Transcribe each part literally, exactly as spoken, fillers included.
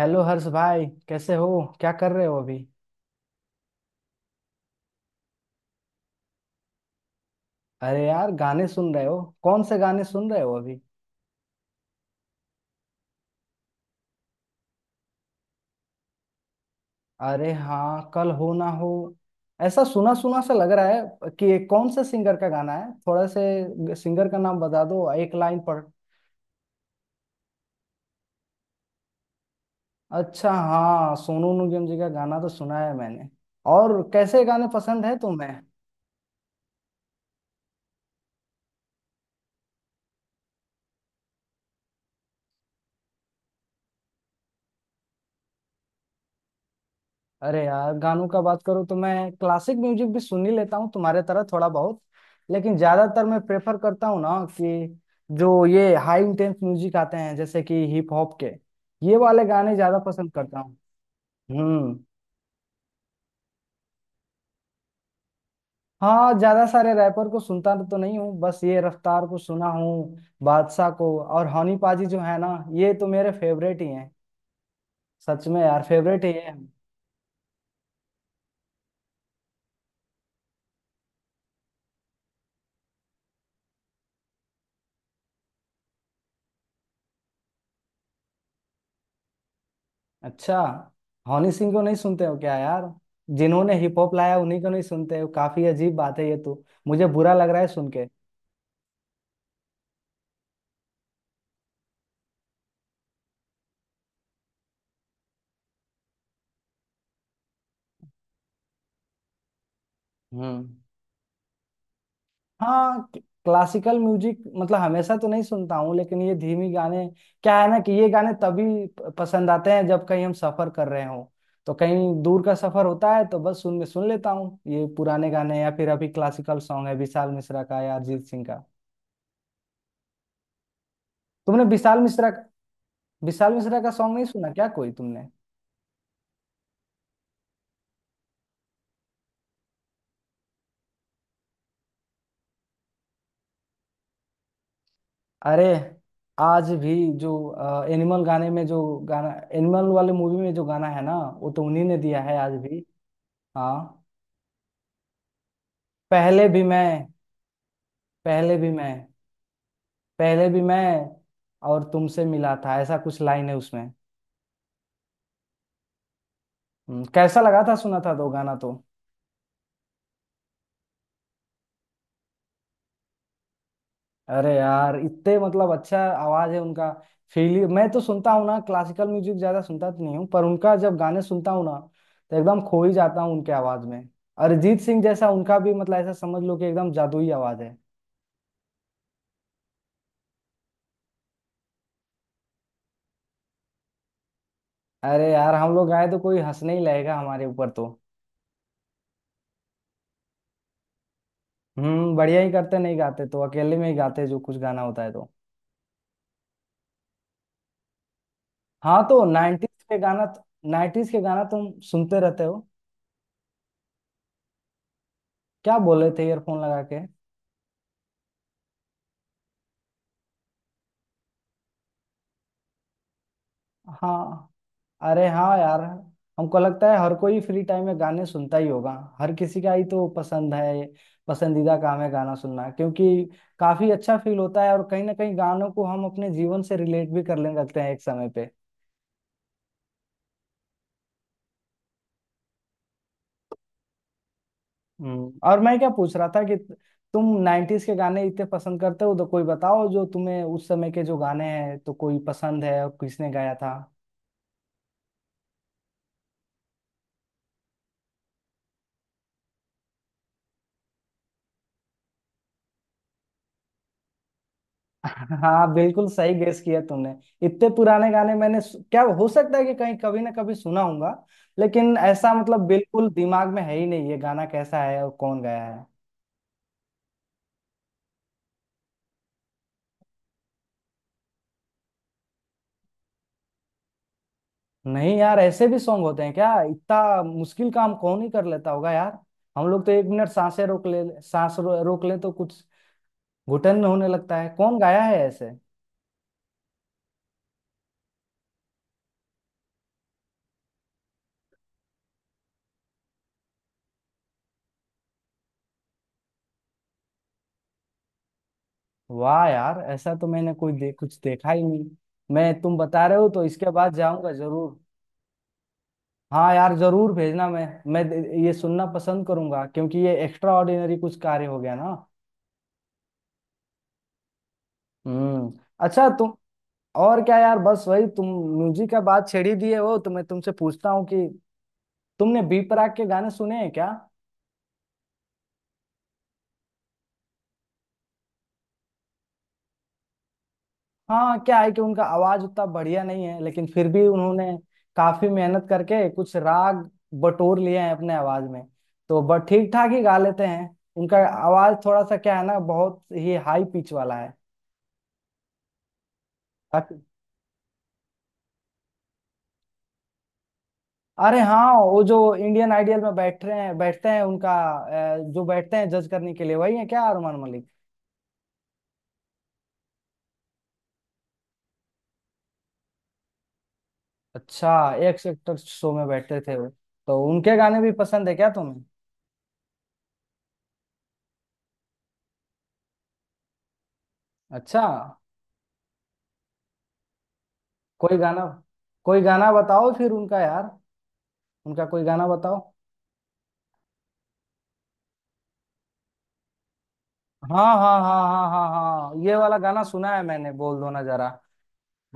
Hello Harsh भाई, कैसे हो? क्या कर रहे हो अभी? अरे यार, गाने सुन रहे हो? कौन से गाने सुन रहे हो अभी? अरे हाँ, कल हो ना हो। ऐसा सुना सुना सा लग रहा है कि ये कौन से सिंगर का गाना है, थोड़ा से सिंगर का नाम बता दो एक लाइन पर। अच्छा हाँ, सोनू निगम जी का गाना तो सुना है मैंने। और कैसे गाने पसंद है तुम्हें? अरे यार, गानों का बात करूँ तो मैं क्लासिक म्यूजिक भी सुन ही लेता हूँ तुम्हारे तरह थोड़ा बहुत। लेकिन ज्यादातर मैं प्रेफर करता हूँ ना कि जो ये हाई इंटेंस म्यूजिक आते हैं जैसे कि हिप हॉप के, ये वाले गाने ज्यादा पसंद करता हूँ। हम्म। हाँ, ज्यादा सारे रैपर को सुनता तो नहीं हूँ, बस ये रफ्तार को सुना हूँ, बादशाह को और हनी पाजी जो है ना, ये तो मेरे फेवरेट ही हैं। सच में यार, फेवरेट ही है। अच्छा, हनी सिंह को नहीं सुनते हो क्या यार? जिन्होंने हिप हॉप लाया उन्हीं को नहीं सुनते हो, काफी अजीब बात है ये तो। मुझे बुरा लग रहा है सुन के। हम्म। हाँ, क्लासिकल म्यूजिक मतलब हमेशा तो नहीं सुनता हूँ लेकिन ये धीमी गाने क्या है ना कि ये गाने तभी प- पसंद आते हैं जब कहीं हम सफर कर रहे हों। तो कहीं दूर का सफर होता है तो बस सुन में सुन लेता हूँ ये पुराने गाने या फिर अभी क्लासिकल सॉन्ग है विशाल मिश्रा का या अरिजीत सिंह का। तुमने विशाल मिश्रा विशाल मिश्रा का सॉन्ग नहीं सुना क्या कोई तुमने? अरे, आज भी जो एनिमल गाने में जो गाना, एनिमल वाले मूवी में जो गाना है ना, वो तो उन्हीं ने दिया है आज भी। हाँ। पहले भी मैं पहले भी मैं पहले भी मैं और तुमसे मिला था ऐसा कुछ लाइन है उसमें। हम्म, कैसा लगा था सुना था तो गाना तो? अरे यार, इतने मतलब अच्छा आवाज है उनका। फील मैं तो सुनता हूँ ना, क्लासिकल म्यूजिक ज्यादा सुनता तो नहीं हूँ, पर उनका जब गाने सुनता हूँ ना तो एकदम खो ही जाता हूँ उनके आवाज में। अरिजीत सिंह जैसा उनका भी मतलब ऐसा समझ लो कि एकदम जादुई आवाज है। अरे यार, हम लोग गाए तो कोई हंसने ही लगेगा हमारे ऊपर तो। हम्म, बढ़िया ही करते नहीं गाते तो अकेले में ही गाते, जो कुछ गाना होता है तो। हाँ तो नाइन्टीज के गाना नाइन्टीज के गाना तुम सुनते रहते हो? क्या बोले थे ईयरफोन लगा के? हाँ। अरे हाँ यार, हमको लगता है हर कोई फ्री टाइम में गाने सुनता ही होगा, हर किसी का ही तो पसंद है, पसंदीदा काम है गाना सुनना क्योंकि काफी अच्छा फील होता है और कहीं ना कहीं गानों को हम अपने जीवन से रिलेट भी करने लगते हैं एक समय पे। हम्म, और मैं क्या पूछ रहा था कि तुम नाइन्टीज के गाने इतने पसंद करते हो तो कोई बताओ जो तुम्हें उस समय के जो गाने हैं तो कोई पसंद है और किसने गाया था? हाँ, बिल्कुल सही गेस किया तुमने। इतने पुराने गाने मैंने सु- क्या हो सकता है कि कहीं कभी ना कभी सुना होगा, लेकिन ऐसा मतलब बिल्कुल दिमाग में है ही नहीं ये गाना कैसा है और कौन गाया है। नहीं यार, ऐसे भी सॉन्ग होते हैं क्या? इतना मुश्किल काम कौन ही कर लेता होगा यार। हम लोग तो एक मिनट सांसें रोक ले, सांस रो, रोक ले तो कुछ घुटन होने लगता है, कौन गाया है ऐसे? वाह यार, ऐसा तो मैंने कोई दे, कुछ देखा ही नहीं। मैं तुम बता रहे हो तो इसके बाद जाऊंगा जरूर। हाँ यार, जरूर भेजना। मैं मैं द- ये सुनना पसंद करूंगा क्योंकि ये एक्स्ट्रा ऑर्डिनरी कुछ कार्य हो गया ना। हम्म। अच्छा, तुम और क्या यार, बस वही तुम म्यूजिक का बात छेड़ी दिए हो तो मैं तुमसे पूछता हूँ कि तुमने बी प्राक के गाने सुने हैं क्या? हाँ, क्या है कि उनका आवाज उतना बढ़िया नहीं है लेकिन फिर भी उन्होंने काफी मेहनत करके कुछ राग बटोर लिए हैं अपने आवाज में, तो बट ठीक ठाक ही गा लेते हैं उनका। आवाज थोड़ा सा क्या है ना, बहुत ही हाई पिच वाला है। अरे हाँ, वो जो इंडियन आइडियल में बैठ रहे हैं, बैठते हैं उनका, अ, जो बैठते हैं जज करने के लिए, वही है क्या अरमान मलिक? अच्छा, एक सेक्टर शो में बैठते थे वो। तो उनके गाने भी पसंद है क्या तुम्हें? अच्छा, कोई गाना कोई गाना बताओ फिर उनका यार, उनका कोई गाना बताओ। हाँ हाँ हाँ हाँ हाँ हाँ, ये वाला गाना सुना है मैंने, बोल दो ना जरा।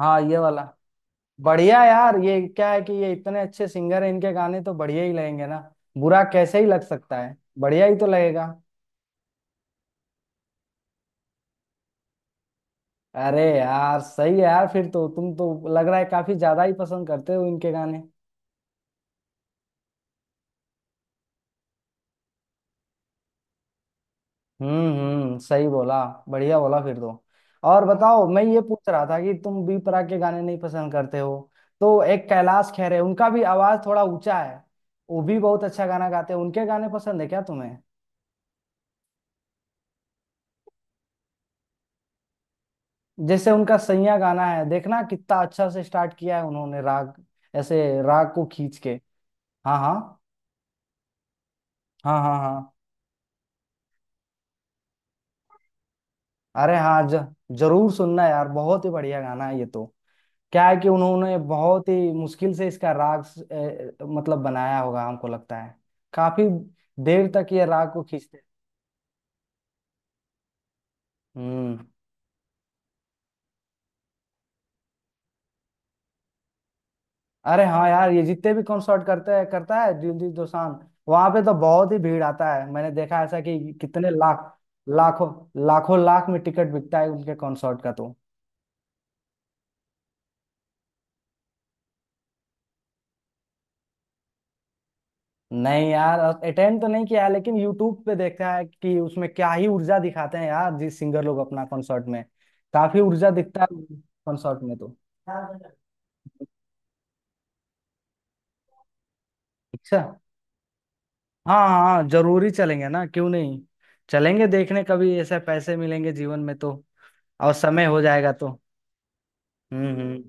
हाँ ये वाला, बढ़िया यार। ये क्या है कि ये इतने अच्छे सिंगर हैं, इनके गाने तो बढ़िया ही लगेंगे ना, बुरा कैसे ही लग सकता है? बढ़िया ही तो लगेगा। अरे यार, सही है यार, फिर तो तुम तो लग रहा है काफी ज्यादा ही पसंद करते हो इनके गाने। हम्म हम्म, सही बोला, बढ़िया बोला फिर तो। और बताओ, मैं ये पूछ रहा था कि तुम बी प्राक के गाने नहीं पसंद करते हो तो एक कैलाश खेर है, उनका भी आवाज थोड़ा ऊंचा है, वो भी बहुत अच्छा गाना गाते हैं, उनके गाने पसंद है क्या तुम्हें? जैसे उनका सैया गाना है, देखना कितना अच्छा से स्टार्ट किया है उन्होंने राग, ऐसे राग को खींच के। हाँ हाँ हाँ हाँ हाँ। अरे हाँ ज, जरूर सुनना यार, बहुत ही बढ़िया गाना है ये तो। क्या है कि उन्होंने बहुत ही मुश्किल से इसका राग स- अ, मतलब बनाया होगा हमको लगता है, काफी देर तक ये राग को खींचते। हम्म। अरे हाँ यार, ये जितने भी कॉन्सर्ट करते हैं, करता है दिलजीत दोसांझ, वहां पे तो बहुत ही भीड़ आता है, मैंने देखा ऐसा कि कितने लाख, लाखों, लाखों लाख में टिकट बिकता है उनके कॉन्सर्ट का तो। नहीं यार, अटेंड तो नहीं किया है लेकिन यूट्यूब पे देखा है कि उसमें क्या ही ऊर्जा दिखाते हैं यार जिस सिंगर लोग अपना कॉन्सर्ट में, काफी ऊर्जा दिखता है कॉन्सर्ट में तो। अच्छा। हाँ हाँ हाँ, जरूरी चलेंगे ना, क्यों नहीं, चलेंगे देखने कभी ऐसे पैसे मिलेंगे जीवन में तो, और समय हो जाएगा तो। हम्म हम्म।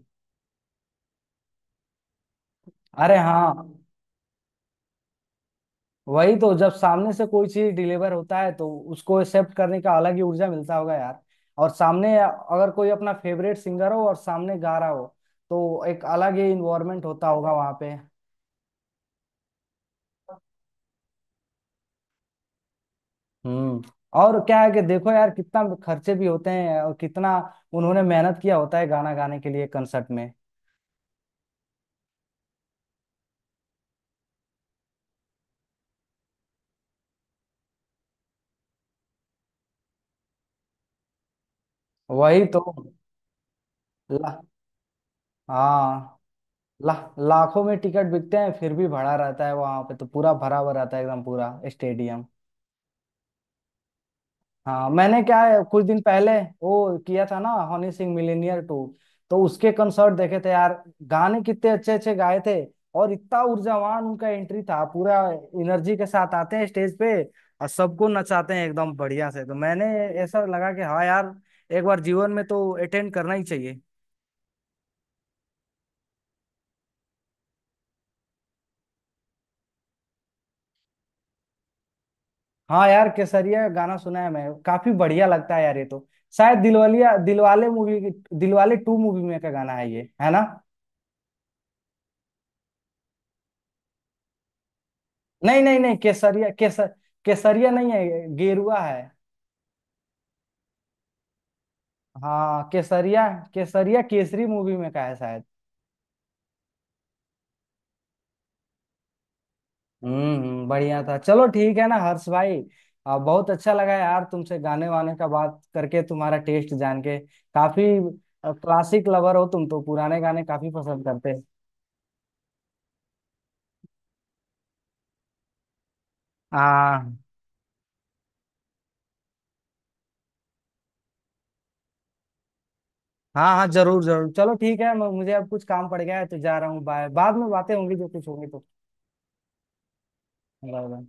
अरे हाँ, वही तो, जब सामने से कोई चीज डिलीवर होता है तो उसको एक्सेप्ट करने का अलग ही ऊर्जा मिलता होगा यार। और सामने अगर कोई अपना फेवरेट सिंगर हो और सामने गा रहा हो तो एक अलग ही इन्वायरमेंट होता होगा वहां पे। हम्म। और क्या है कि देखो यार, कितना खर्चे भी होते हैं और कितना उन्होंने मेहनत किया होता है गाना गाने के लिए कंसर्ट में। वही तो। ला, हाँ। ला, लाखों में टिकट बिकते हैं फिर भी भरा रहता है वहां पे तो, पूरा भरा हुआ रहता है एकदम पूरा स्टेडियम। हाँ, मैंने क्या है कुछ दिन पहले वो किया था ना, हनी सिंह मिलीनियर टू, तो उसके कंसर्ट देखे थे यार, गाने कितने अच्छे अच्छे गाए थे और इतना ऊर्जावान उनका एंट्री था, पूरा एनर्जी के साथ आते हैं स्टेज पे और सबको नचाते हैं एकदम बढ़िया से, तो मैंने ऐसा लगा कि हाँ यार, एक बार जीवन में तो अटेंड करना ही चाहिए। हाँ यार, केसरिया गाना सुना है मैं, काफी बढ़िया लगता है यार ये तो। शायद दिलवालिया Dilwale movie, Dilwale two movie में का गाना है ये, है ना? नहीं नहीं नहीं, केसरिया केसर केसरिया नहीं है, गेरुआ है। हाँ, केसरिया केसरिया केसरी मूवी में का है शायद। हम्म हम्म, बढ़िया था। चलो ठीक है ना हर्ष भाई? आ, बहुत अच्छा लगा यार तुमसे गाने वाने का बात करके, तुम्हारा टेस्ट जान के, काफी क्लासिक लवर हो तुम तो, पुराने गाने काफी पसंद करते हैं। हाँ हाँ हाँ, जरूर जरूर, चलो ठीक है, म- मुझे अब कुछ काम पड़ गया है तो जा रहा हूँ, बाय, बाद में बातें होंगी जो कुछ होंगी तो। Bye bye.